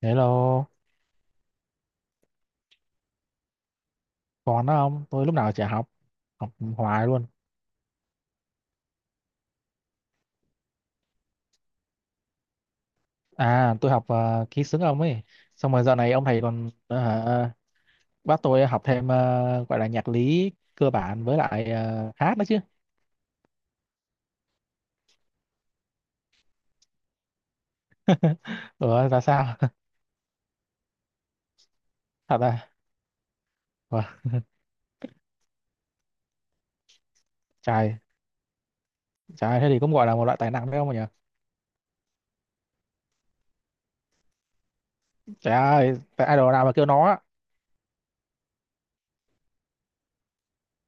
Hello, còn đó không? Tôi lúc nào chả học, học hoài luôn. À, tôi học ký xướng ông ấy. Xong rồi giờ này ông thầy còn hả, bắt tôi học thêm gọi là nhạc lý cơ bản, với lại hát nữa chứ. Ủa, ra sao? Thật à? Ủa, trời, trời, thế thì cũng gọi là một loại tài năng đấy không nhỉ? Trời ơi, tại idol nào mà kêu nó á.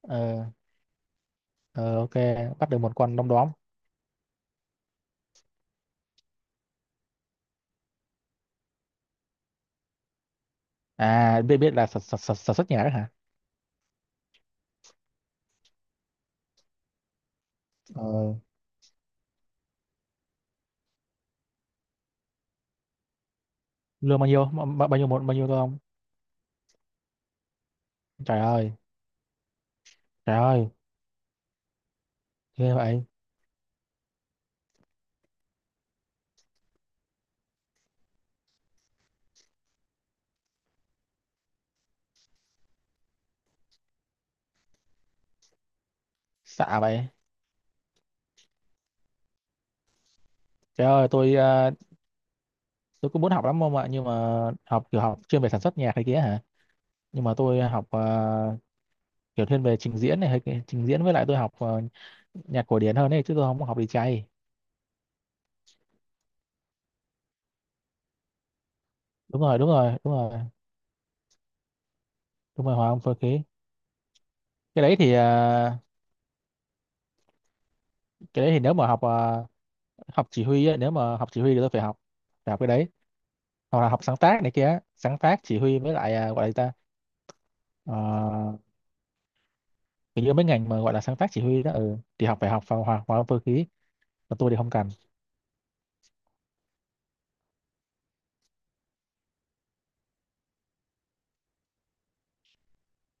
Ờ, ờ, ok, bắt được một con đom đóm. À, biết biết là sản xuất nhạc đấy hả? Ờ, lương bao nhiêu? Bao bao nhiêu một bao nhiêu thôi không? Trời ơi, trời ơi. Ghê vậy, xạ vậy. Trời ơi, tôi cũng muốn học lắm ông ạ, nhưng mà học kiểu học chuyên về sản xuất nhạc này kia hả? Nhưng mà tôi học kiểu thiên về trình diễn này hay trình diễn, với lại tôi học nhạc cổ điển hơn ấy chứ, tôi không có học đi chay. Đúng rồi, đúng rồi, đúng rồi, đúng rồi, hòa âm phối khí. cái đấy thì ờ, cái đấy thì nếu mà học học chỉ huy ấy. Nếu mà học chỉ huy thì tôi phải học, phải học cái đấy. Hoặc là học sáng tác này kia, sáng tác chỉ huy, với lại gọi là gì ta? Ờ, hình như mấy ngành mà gọi là sáng tác chỉ huy đó, ừ, thì học phải học vào hòa hòa âm phối khí, còn tôi thì không cần.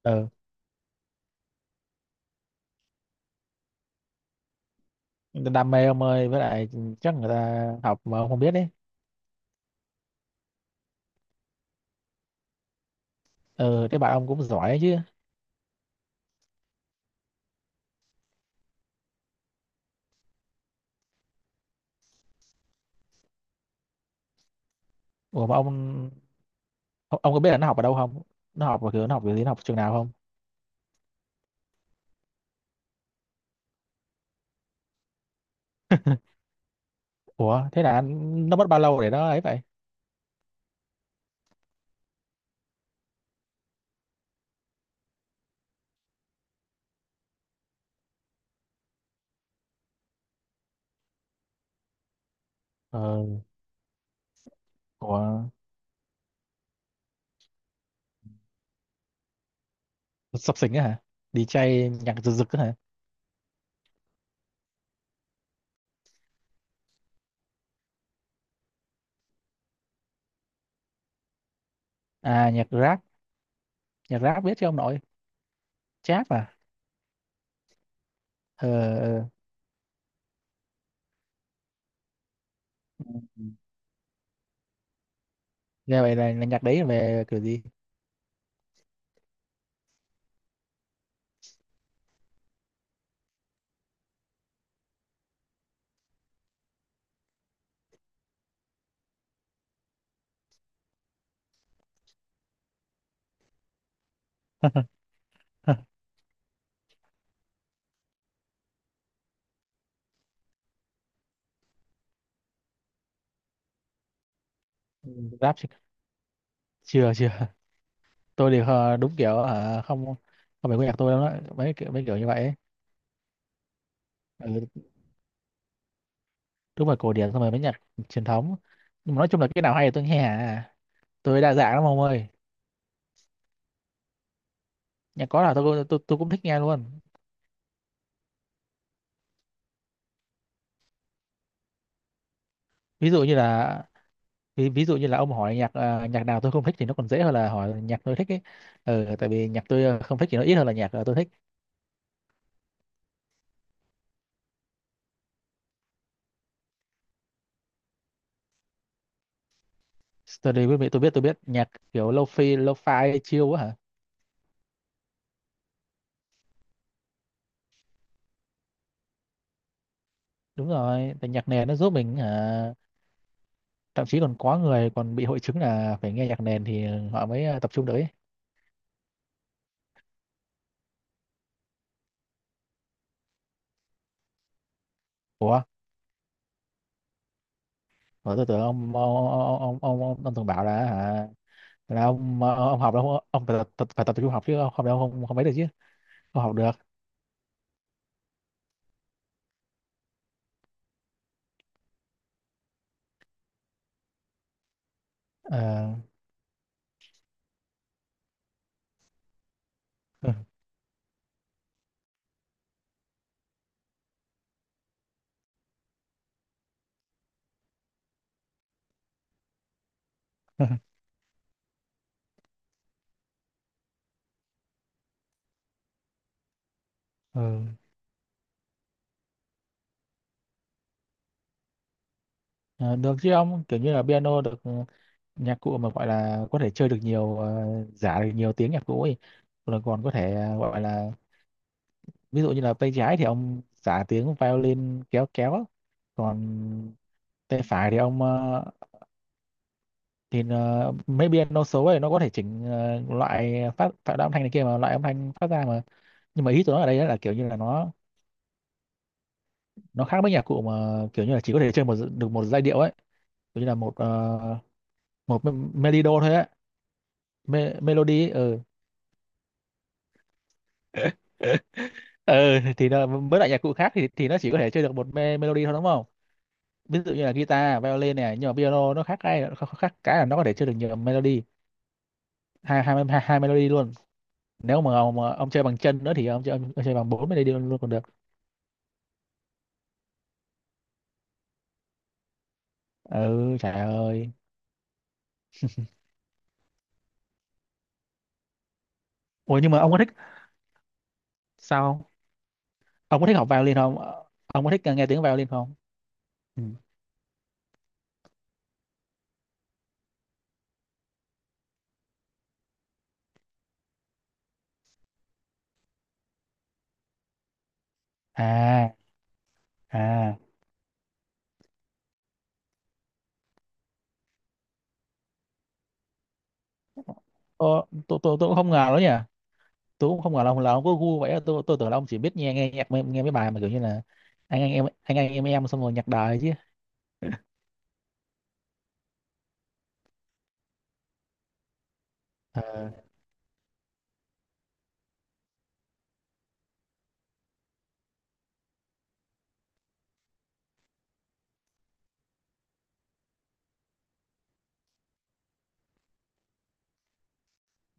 Ừ, đam mê ông ơi, với lại chắc người ta học mà ông không biết đấy. Ừ, thế bạn ông cũng giỏi chứ. Ủa, mà ông có biết là nó học ở đâu không? Nó học ở cửa, nó học cái gì, nó học trường nào không? Ủa thế là nó mất bao lâu để nó ấy vậy? Ờ, của. Sập sình á hả? Đi DJ nhạc rực rực á hả? À, nhạc rap. Nhạc rap biết chứ ông nội. Chát à? Ờ, ờ. Ừ. Nghe vậy là, nhạc đấy về kiểu gì? Ừ, rap Chưa, chưa, chưa. Tôi thì đúng kiểu không, không phải nghe nhạc tôi đâu đó mấy kiểu, mấy kiểu như vậy ấy. Ừ, đúng là cổ điển, xong rồi mấy nhạc truyền thống, nhưng mà nói chung là cái nào hay thì tôi nghe à. Tôi đa dạng lắm ông ơi, nhạc có là tôi cũng thích nghe luôn. Ví dụ như là ví dụ như là ông hỏi nhạc nhạc nào tôi không thích thì nó còn dễ hơn là hỏi nhạc tôi thích ấy. Ừ, tại vì nhạc tôi không thích thì nó ít hơn là nhạc tôi thích. Tôi đi biết, tôi biết, tôi biết nhạc kiểu lo-fi, lo-fi chill á hả? Đúng rồi, tại nhạc nền nó giúp mình hả. Thậm chí còn có người còn bị hội chứng là phải nghe nhạc nền thì họ mới tập trung được ấy. Ủa, ủa, tôi tưởng ông, ông thường bảo là hả, là ông ông học đâu ông phải phải tập trung học chứ không đâu, không không ấy được chứ. Không học được. Ờ. Ừ. Ờ, được chứ ông, kiểu như là piano được, ừ, nhạc cụ mà gọi là có thể chơi được nhiều giả được nhiều tiếng nhạc cụ ấy, rồi còn có thể gọi là ví dụ như là tay trái thì ông giả tiếng violin kéo kéo, còn tay phải thì ông thì maybe nó số ấy, nó có thể chỉnh loại phát tạo ra âm thanh này kia, mà loại âm thanh phát ra mà. Nhưng mà ý tôi nói ở đây là kiểu như là nó khác với nhạc cụ mà kiểu như là chỉ có thể chơi một được một giai điệu ấy. Kiểu như là một một melody thôi á. Melody ấy, ừ. Ừ thì nó, với lại nhạc cụ khác thì nó chỉ có thể chơi được một melody thôi đúng không? Ví dụ như là guitar violin này, nhưng mà piano nó khác, khác cái là nó có thể chơi được nhiều melody. Hai melody luôn. Nếu mà ông chơi bằng chân nữa thì ông chơi bằng bốn melody luôn luôn còn được. Ừ, trời ơi. Ủa nhưng mà ông có thích sao không? Ông có thích học violin không? Ông có thích nghe tiếng violin không? Ừ. À, à, tôi cũng không ngờ đó nhỉ. Tôi cũng không ngờ là ông có gu vậy, tôi tưởng là ông chỉ biết nghe nghe nhạc, nghe nghe mấy bài mà kiểu như là anh em, xong rồi nhạc đời chứ. Ờ.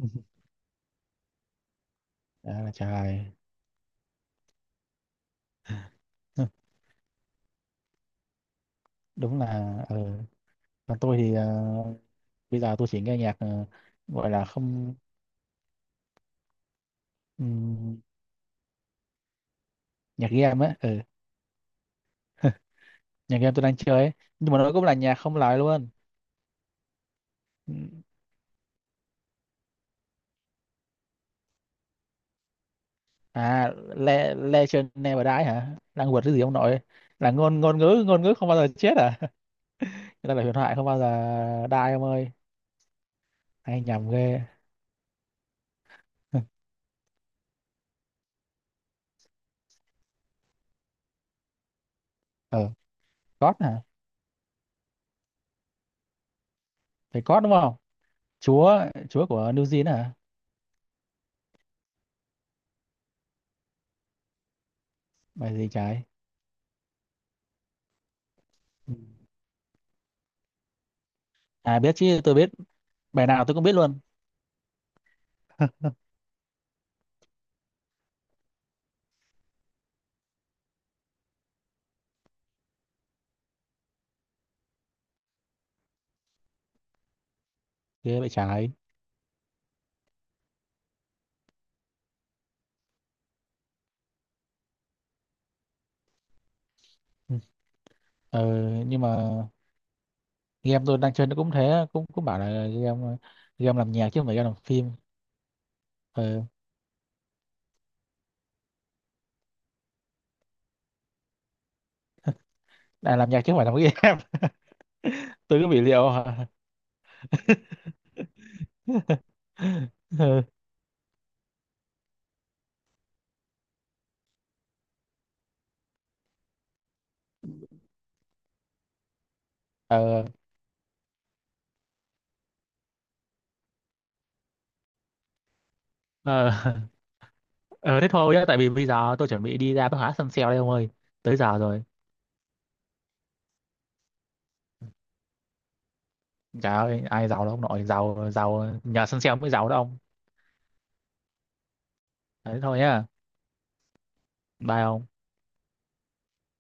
À, trời. Hừ, đúng là, ừ. Còn tôi thì bây giờ tôi chỉ nghe nhạc gọi là không, ừm, nhạc game á, ừ. Nhạc game tôi đang chơi ấy, nhưng mà nó cũng là nhạc không lời luôn. Ừ. À, Legend Never Die hả, đang quật cái gì ông nội? Là ngôn ngôn ngữ, ngôn ngữ không bao giờ chết à. Người ta là huyền thoại không bao giờ die ông ơi, hay nhầm ghê. Ờ, God hả? Phải God đúng không? Chúa, chúa của New Zealand hả? Bài gì trái? Ừ. À, biết chứ, tôi biết. Bài nào tôi cũng biết luôn. Ghê vậy trái. Ừ. Ờ, nhưng mà game tôi đang chơi nó cũng thế, cũng cũng bảo là game game làm nhạc chứ không phải game làm phim. Ờ. À, làm nhạc chứ không phải làm game. Tôi cứ bị liệu hả. Ờ, ờ, ờ. Ờ, thế thôi nhá, tại vì bây giờ tôi chuẩn bị đi ra bách hóa sân sale đây ông ơi, tới giờ rồi. Trời ơi, ai giàu đâu ông nội, giàu giàu nhờ sân sale mới giàu đó ông. Thế thôi nhá. Bye ông.